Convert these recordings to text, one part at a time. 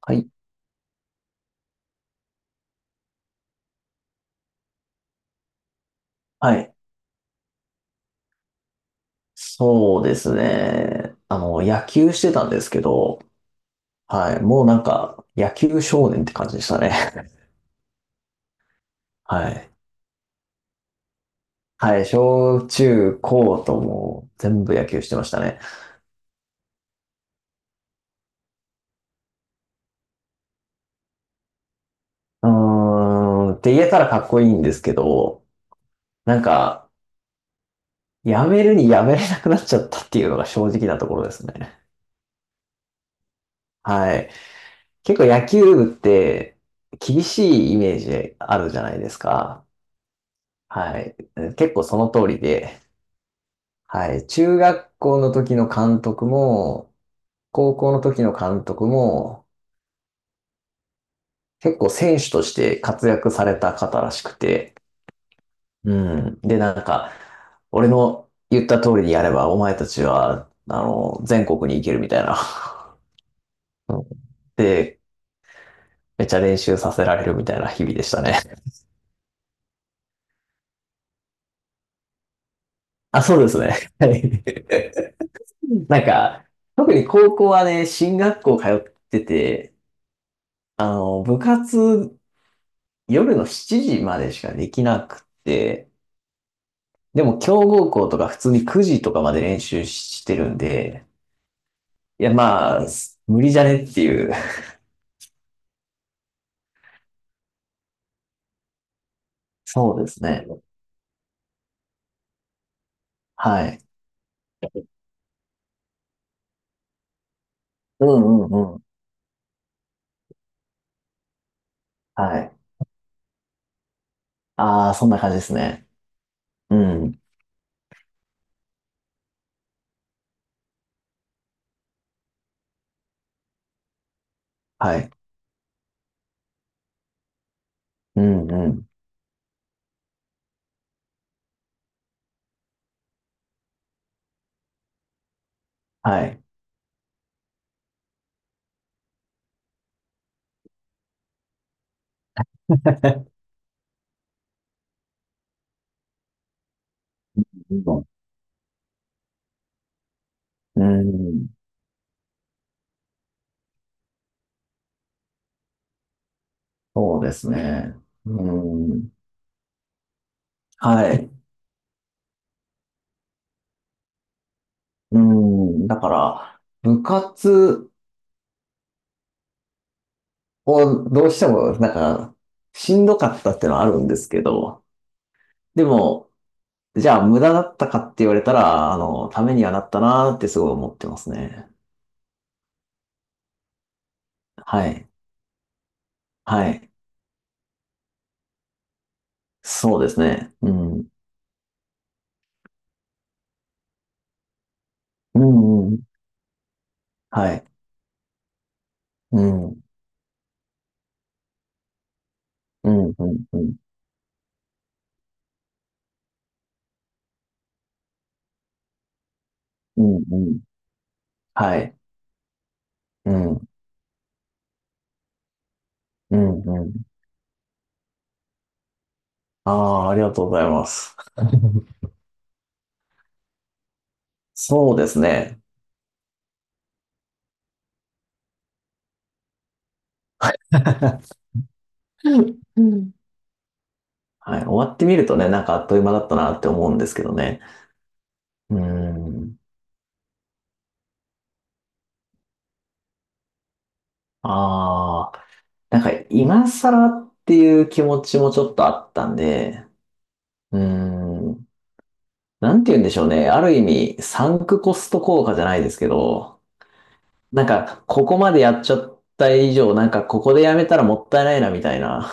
はい。はい。そうですね。野球してたんですけど、はい。もう野球少年って感じでしたね。はい。はい。小中高ともう全部野球してましたね。うーん。って言えたらかっこいいんですけど、なんか、やめるにやめれなくなっちゃったっていうのが正直なところですね。はい。結構野球部って厳しいイメージあるじゃないですか。はい。結構その通りで、はい。中学校の時の監督も、高校の時の監督も、結構選手として活躍された方らしくて、うん。で、俺の言った通りにやれば、お前たちは、全国に行けるみたいな。うん。で、めっちゃ練習させられるみたいな日々でしたね。あ、そうですね。はい。なんか、特に高校はね、進学校通ってて、部活夜の7時までしかできなくて、でも強豪校とか普通に9時とかまで練習してるんで、いやまあ、無理じゃねっていう。そうですね。はい。うんうんうん。はい。ああ、そんな感じですね。うん。はい。うんうん。はい。うん。そうですね。うん。はい。うん。だから、部活をどうしても、しんどかったってのはあるんですけど、でも、じゃあ無駄だったかって言われたら、ためにはなったなーってすごい思ってますね。はい。はい。そうですね。うん。うんうん。はい。うん。うんうんうん。うんうん。はい。うん。うんうん。ああ、ありがとうございます。そうですね。うん。はい。終わってみるとね、なんかあっという間だったなって思うんですけどね。うん。ああ。なんか今更っていう気持ちもちょっとあったんで、うーん、なんて言うんでしょうね。ある意味、サンクコスト効果じゃないですけど、ここまでやっちゃった以上、ここでやめたらもったいないな、みたいな。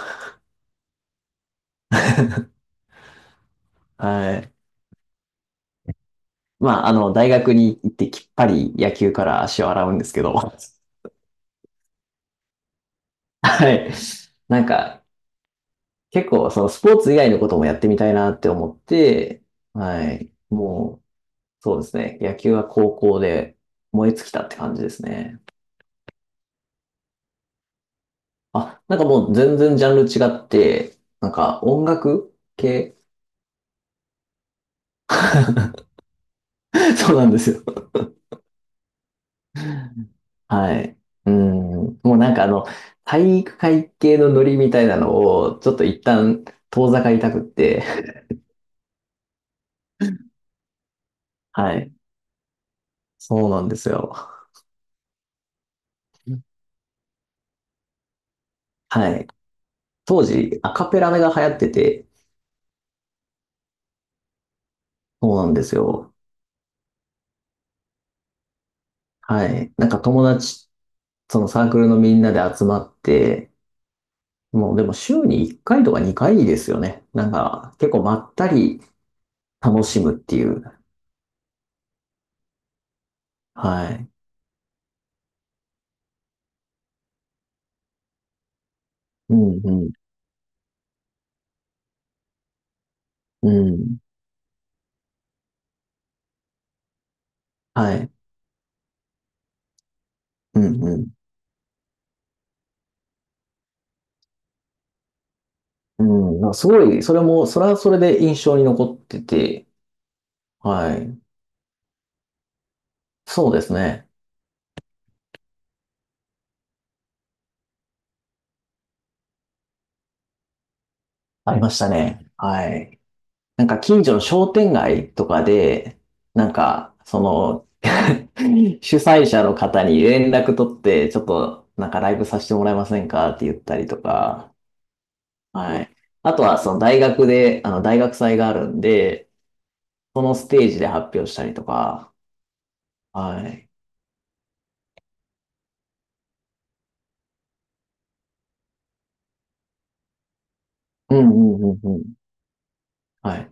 はい。まあ、あの、大学に行ってきっぱり野球から足を洗うんですけど、はい。なんか、結構、そのスポーツ以外のこともやってみたいなって思って、はい。もう、そうですね。野球は高校で燃え尽きたって感じですね。あ、なんかもう全然ジャンル違って、なんか音楽系。 そうなんですよ。はい。うん。もうなんかあの、体育会系のノリみたいなのを、ちょっと一旦遠ざかりたくって。はい。そうなんですよ。はい。当時、アカペラが流行ってて、そうなんですよ。はい。なんか友達、そのサークルのみんなで集まって、もうでも週に1回とか2回ですよね。なんか結構まったり楽しむっていう。はい。うんうん。うん。はい。うんうん。うん。なんかすごい、それも、それはそれで印象に残ってて、はい。そうですね。ありましたね。はい。なんか近所の商店街とかで、なんか、その、主催者の方に連絡取って、ちょっとなんかライブさせてもらえませんかって言ったりとか、はい。あとは、その大学で、あの、大学祭があるんで、そのステージで発表したりとか、はい。うんうんうんうん。はい。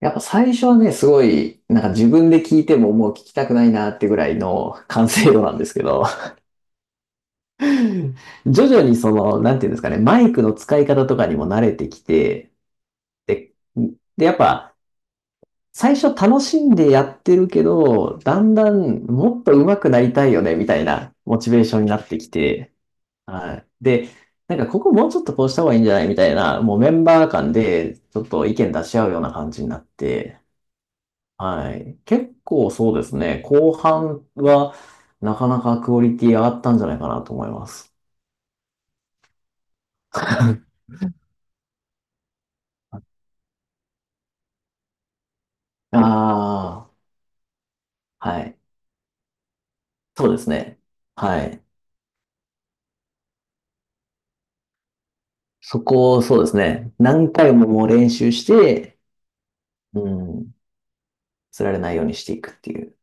やっぱ最初はね、すごい、なんか自分で聞いてももう聞きたくないなってぐらいの 完成度なんですけど、徐々にその、なんていうんですかね、マイクの使い方とかにも慣れてきて、で、で、やっぱ、最初楽しんでやってるけど、だんだんもっと上手くなりたいよね、みたいなモチベーションになってきて、はい。で、なんかここもうちょっとこうした方がいいんじゃないみたいな、もうメンバー間でちょっと意見出し合うような感じになって、はい。結構そうですね、後半はなかなかクオリティ上がったんじゃないかなと思います。ああ、はい。そうですね。はい。そこをそうですね、何回ももう練習して、うん、釣られないようにしていくっていう。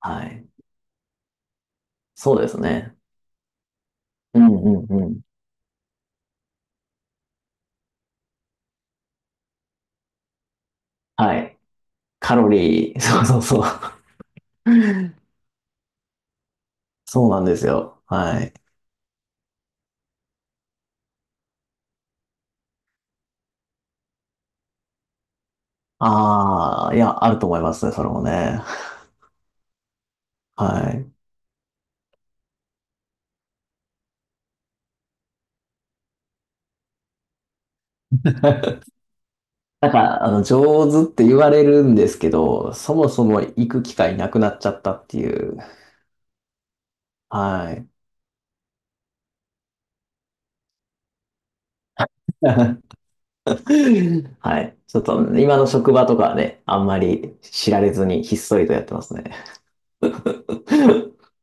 はい。そうですね。うんうんうん。はい。カロリー、そうそうそう。そうなんですよ。はい。ああ、いや、あると思いますね、それもね。はい。なんか、あの、上手って言われるんですけど、そもそも行く機会なくなっちゃったっていう。はい。はい。ちょっと、今の職場とかはね、あんまり知られずにひっそりとやってますね。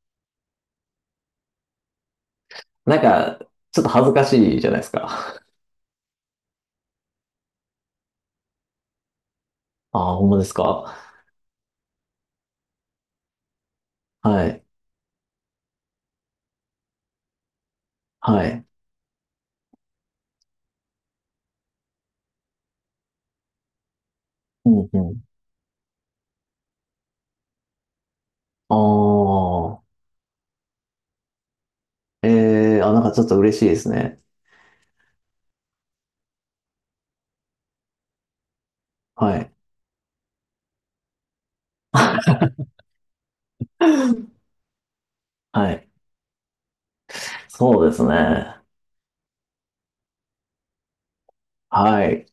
なんか、ちょっと恥ずかしいじゃないですか。ああ、ほんまですか。はい。はい。うんうん。ああ、ええー、あ、なんかちょっと嬉しいですね。はい。はい。そうですね。はい。